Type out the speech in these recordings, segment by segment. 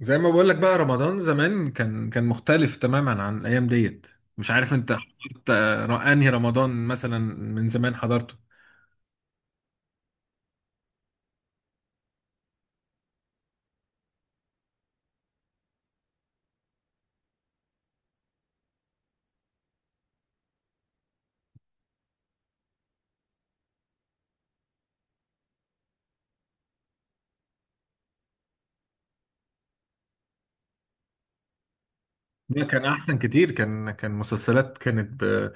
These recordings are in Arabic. زي ما بقول لك بقى رمضان زمان كان مختلف تماما عن الايام ديت. مش عارف انت حضرت انهي رمضان مثلا؟ من زمان حضرته. ده كان احسن كتير، كان مسلسلات كانت ب...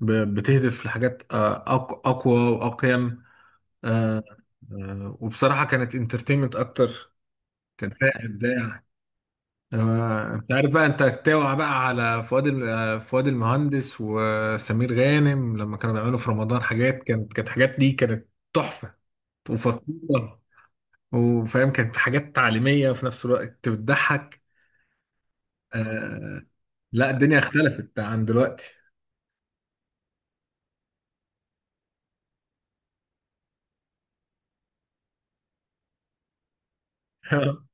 ب... بتهدف لحاجات اقوى واقيم. آه، وبصراحة كانت انترتينمنت اكتر، كان فيها ابداع. انت عارف بقى، انت توع بقى على فؤاد المهندس وسمير غانم لما كانوا بيعملوا في رمضان حاجات، كانت حاجات دي كانت تحفة وفطورة، وفاهم كانت حاجات تعليمية وفي نفس الوقت بتضحك. آه لا، الدنيا اختلفت عن دلوقتي.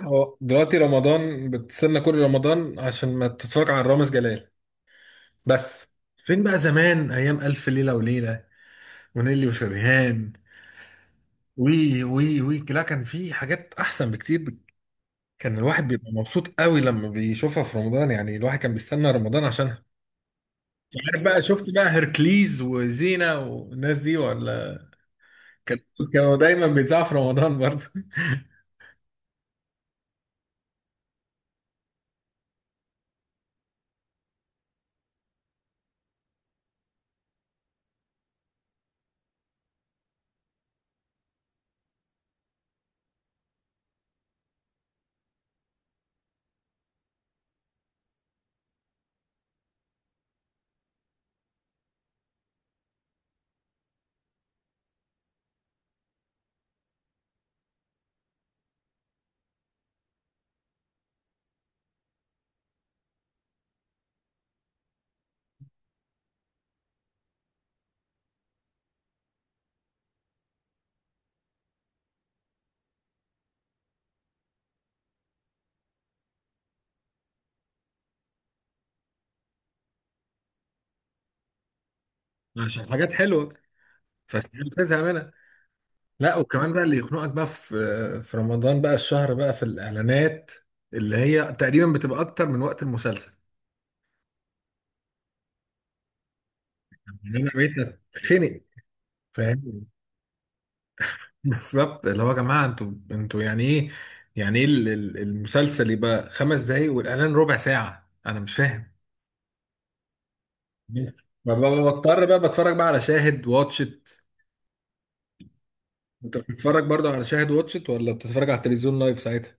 هو دلوقتي رمضان بتستنى كل رمضان عشان ما تتفرج على رامز جلال بس. فين بقى زمان ايام الف ليلة وليلة ونيلي وشريهان؟ وي وي وي، لا كان في حاجات احسن بكتير كان الواحد بيبقى مبسوط قوي لما بيشوفها في رمضان، يعني الواحد كان بيستنى رمضان عشانها. مش عارف بقى، شفت بقى هركليز وزينة والناس دي ولا؟ كان- كانوا دايما بيتذاعوا في رمضان برضه. عشان حاجات حلوه فاستحيل تزهق منها. لا، وكمان بقى، اللي يخنقك بقى في رمضان بقى الشهر بقى في الاعلانات، اللي هي تقريبا بتبقى اكتر من وقت المسلسل. يعني انا بقيت اتخنق، فاهم؟ بالظبط، اللي هو يا جماعه، انتوا يعني ايه؟ يعني ايه المسلسل يبقى خمس دقايق والاعلان ربع ساعه؟ انا مش فاهم. ببقى بضطر بقى بتفرج بقى على شاهد واتشت. انت بتتفرج برضه على شاهد واتشت ولا بتتفرج على التلفزيون لايف ساعتها؟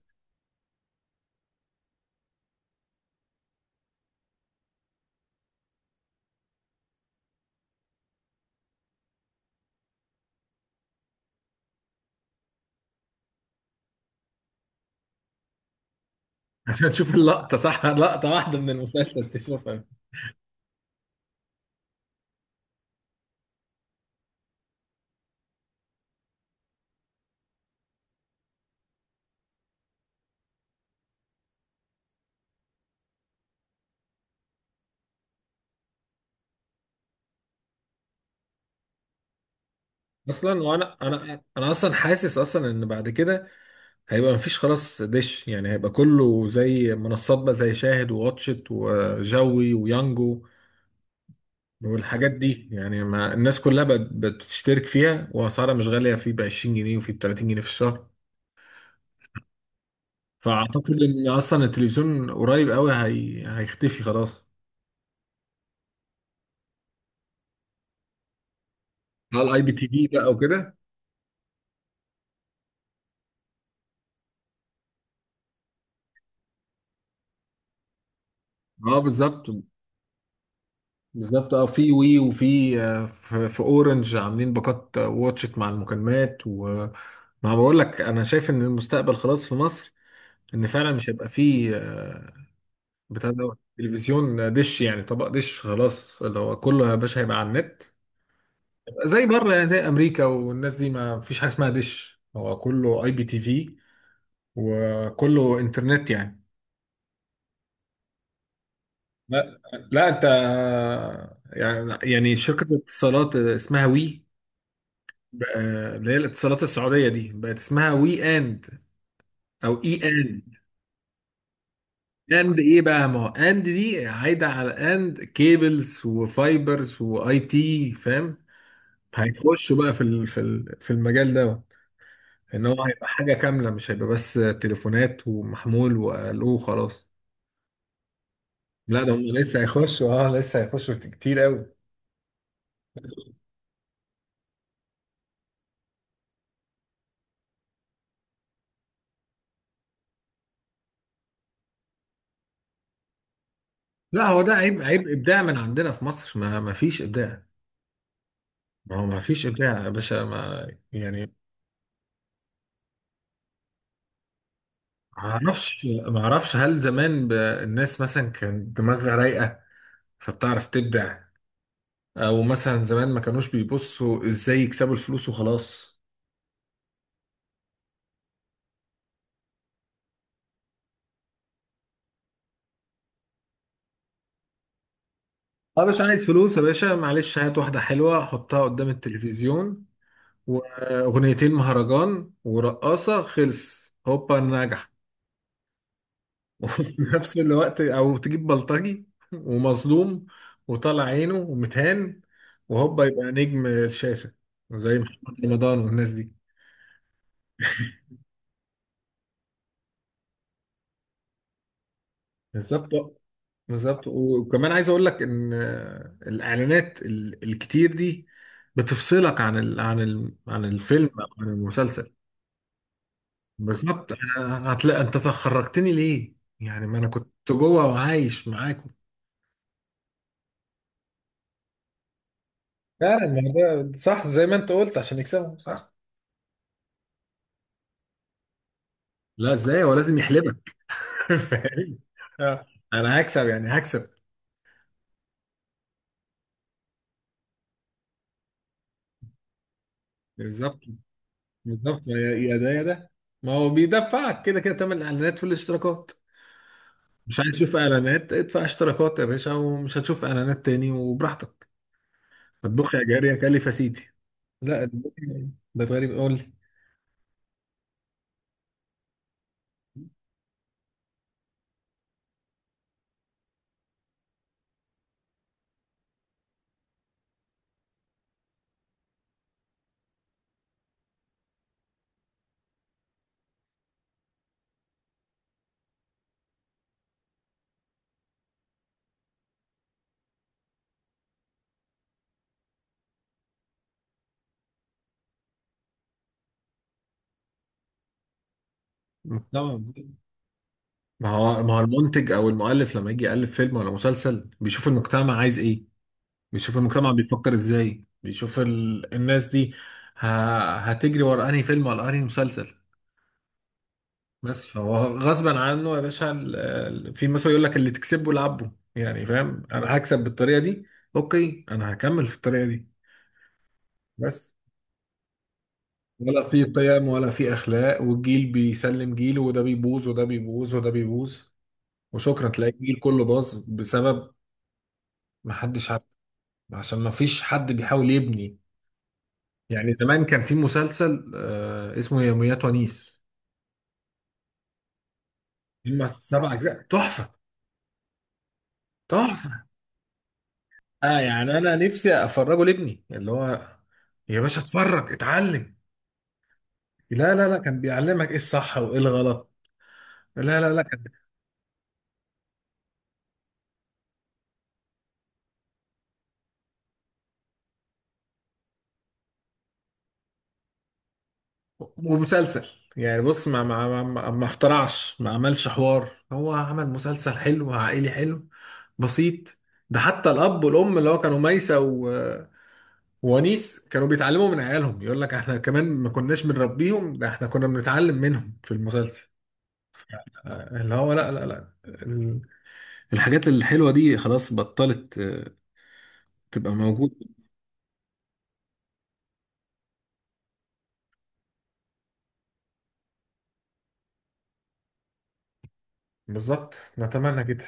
عشان تشوف اللقطة صح، لقطة واحدة من المسلسل تشوفها. أصلا وأنا أنا أنا أصلا حاسس أصلا إن بعد كده هيبقى مفيش خلاص دش، يعني هيبقى كله زي منصات بقى، زي شاهد وواتشت وجوي ويانجو والحاجات دي. يعني ما الناس كلها بقت بتشترك فيها، وأسعارها مش غالية، في ب 20 جنيه وفي ب 30 جنيه في الشهر. فأعتقد إن أصلا التلفزيون قريب قوي هيختفي خلاص. على الاي بي تي في بقى وكده. اه بالظبط، بالظبط. اه، في وي وفي في اورنج عاملين باقات واتشت مع المكالمات وما... بقول لك، انا شايف ان المستقبل خلاص في مصر، ان فعلا مش هيبقى فيه بتاع ده تلفزيون، دش، يعني طبق دش خلاص، اللي هو كله يا باشا هيبقى على النت. هيبقى زي بره، يعني زي امريكا والناس دي، ما فيش حاجه اسمها دش، هو كله اي بي تي في وكله انترنت يعني. لا لا، انت يعني شركه اتصالات اسمها وي بقى، اللي هي الاتصالات السعودية دي بقت اسمها وي اند، او اي اند. اند ايه بقى؟ ما هو اند دي هايدة على اند كيبلز وفايبرز واي تي، فاهم؟ هيخشوا بقى في المجال ده، ان هو هيبقى حاجة كاملة مش هيبقى بس تليفونات ومحمول وقالوه خلاص. لا ده هم لسه هيخشوا، اه لسه هيخشوا في كتير قوي. لا، هو ده عيب، عيب ابداع من عندنا في مصر، ما فيش ابداع. ما هو ما فيش ابداع يا باشا، ما يعني... معرفش، هل زمان الناس مثلا كان دماغها رايقة فبتعرف تبدع؟ او مثلا زمان ما كانوش بيبصوا ازاي يكسبوا الفلوس وخلاص. اه، مش عايز فلوس يا باشا، معلش، هات واحدة حلوة حطها قدام التلفزيون واغنيتين مهرجان ورقاصة، خلص، هوبا نجح. وفي نفس الوقت او تجيب بلطجي ومظلوم وطلع عينه ومتهان، وهوبا يبقى نجم الشاشة، زي محمد رمضان والناس دي. بالظبط، بالظبط. وكمان عايز اقول لك ان الاعلانات الكتير دي بتفصلك عن الفيلم او عن المسلسل. بالظبط. هتلاقي انت تخرجتني ليه؟ يعني ما انا كنت جوه وعايش معاكم. فعلا، ما ده صح، زي ما انت قلت، عشان يكسبوا، صح. لا ازاي، هو لازم يحلبك. فاهم. اه انا هكسب يعني، هكسب. بالظبط، بالظبط. يا ده يا ده، ما هو بيدفعك كده كده تمن الاعلانات في الاشتراكات. مش عايز تشوف اعلانات، ادفع اشتراكات يا باشا ومش هتشوف اعلانات تاني وبراحتك. اطبخ يا جاري يا كلف يا سيدي. لا الدنيا بقت غريب قوي. المجتمع، ما هو المنتج او المؤلف لما يجي يالف فيلم ولا مسلسل بيشوف المجتمع عايز ايه، بيشوف المجتمع بيفكر ازاي، بيشوف الناس دي ه... هتجري ورا انهي فيلم ولا انهي مسلسل. بس فهو غصبا عنه يا باشا، في مثلا يقول لك اللي تكسبه لعبه، يعني فاهم، انا هكسب بالطريقه دي، اوكي انا هكمل في الطريقه دي بس، ولا في قيم ولا في اخلاق، والجيل بيسلم جيله وده بيبوظ وده بيبوظ وده بيبوظ، وشكرا، تلاقي الجيل كله باظ بسبب ما حدش عارف، عشان ما فيش حد بيحاول يبني. يعني زمان كان في مسلسل اسمه يوميات ونيس، هم سبع اجزاء تحفه، تحفه. اه يعني انا نفسي افرجه لابني، اللي هو يا باشا اتفرج اتعلم. لا لا لا، كان بيعلمك ايه الصح وايه الغلط. لا لا لا. ومسلسل، يعني بص، ما ما اخترعش، ما عملش حوار، هو عمل مسلسل حلو عائلي حلو بسيط. ده حتى الاب والام اللي هو كانوا ميسة وونيس كانوا بيتعلموا من عيالهم، يقول لك احنا كمان ما كناش بنربيهم، ده احنا كنا بنتعلم منهم في المسلسل. اللي هو لا لا لا الحاجات الحلوة دي خلاص بطلت تبقى موجودة. بالظبط نتمنى كده.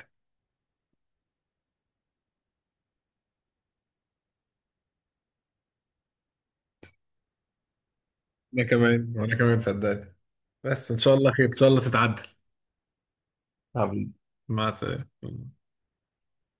انا كمان، وانا كمان صدقني، بس ان شاء الله خير، ان شاء الله تتعدل. حبيبي، مع السلامة.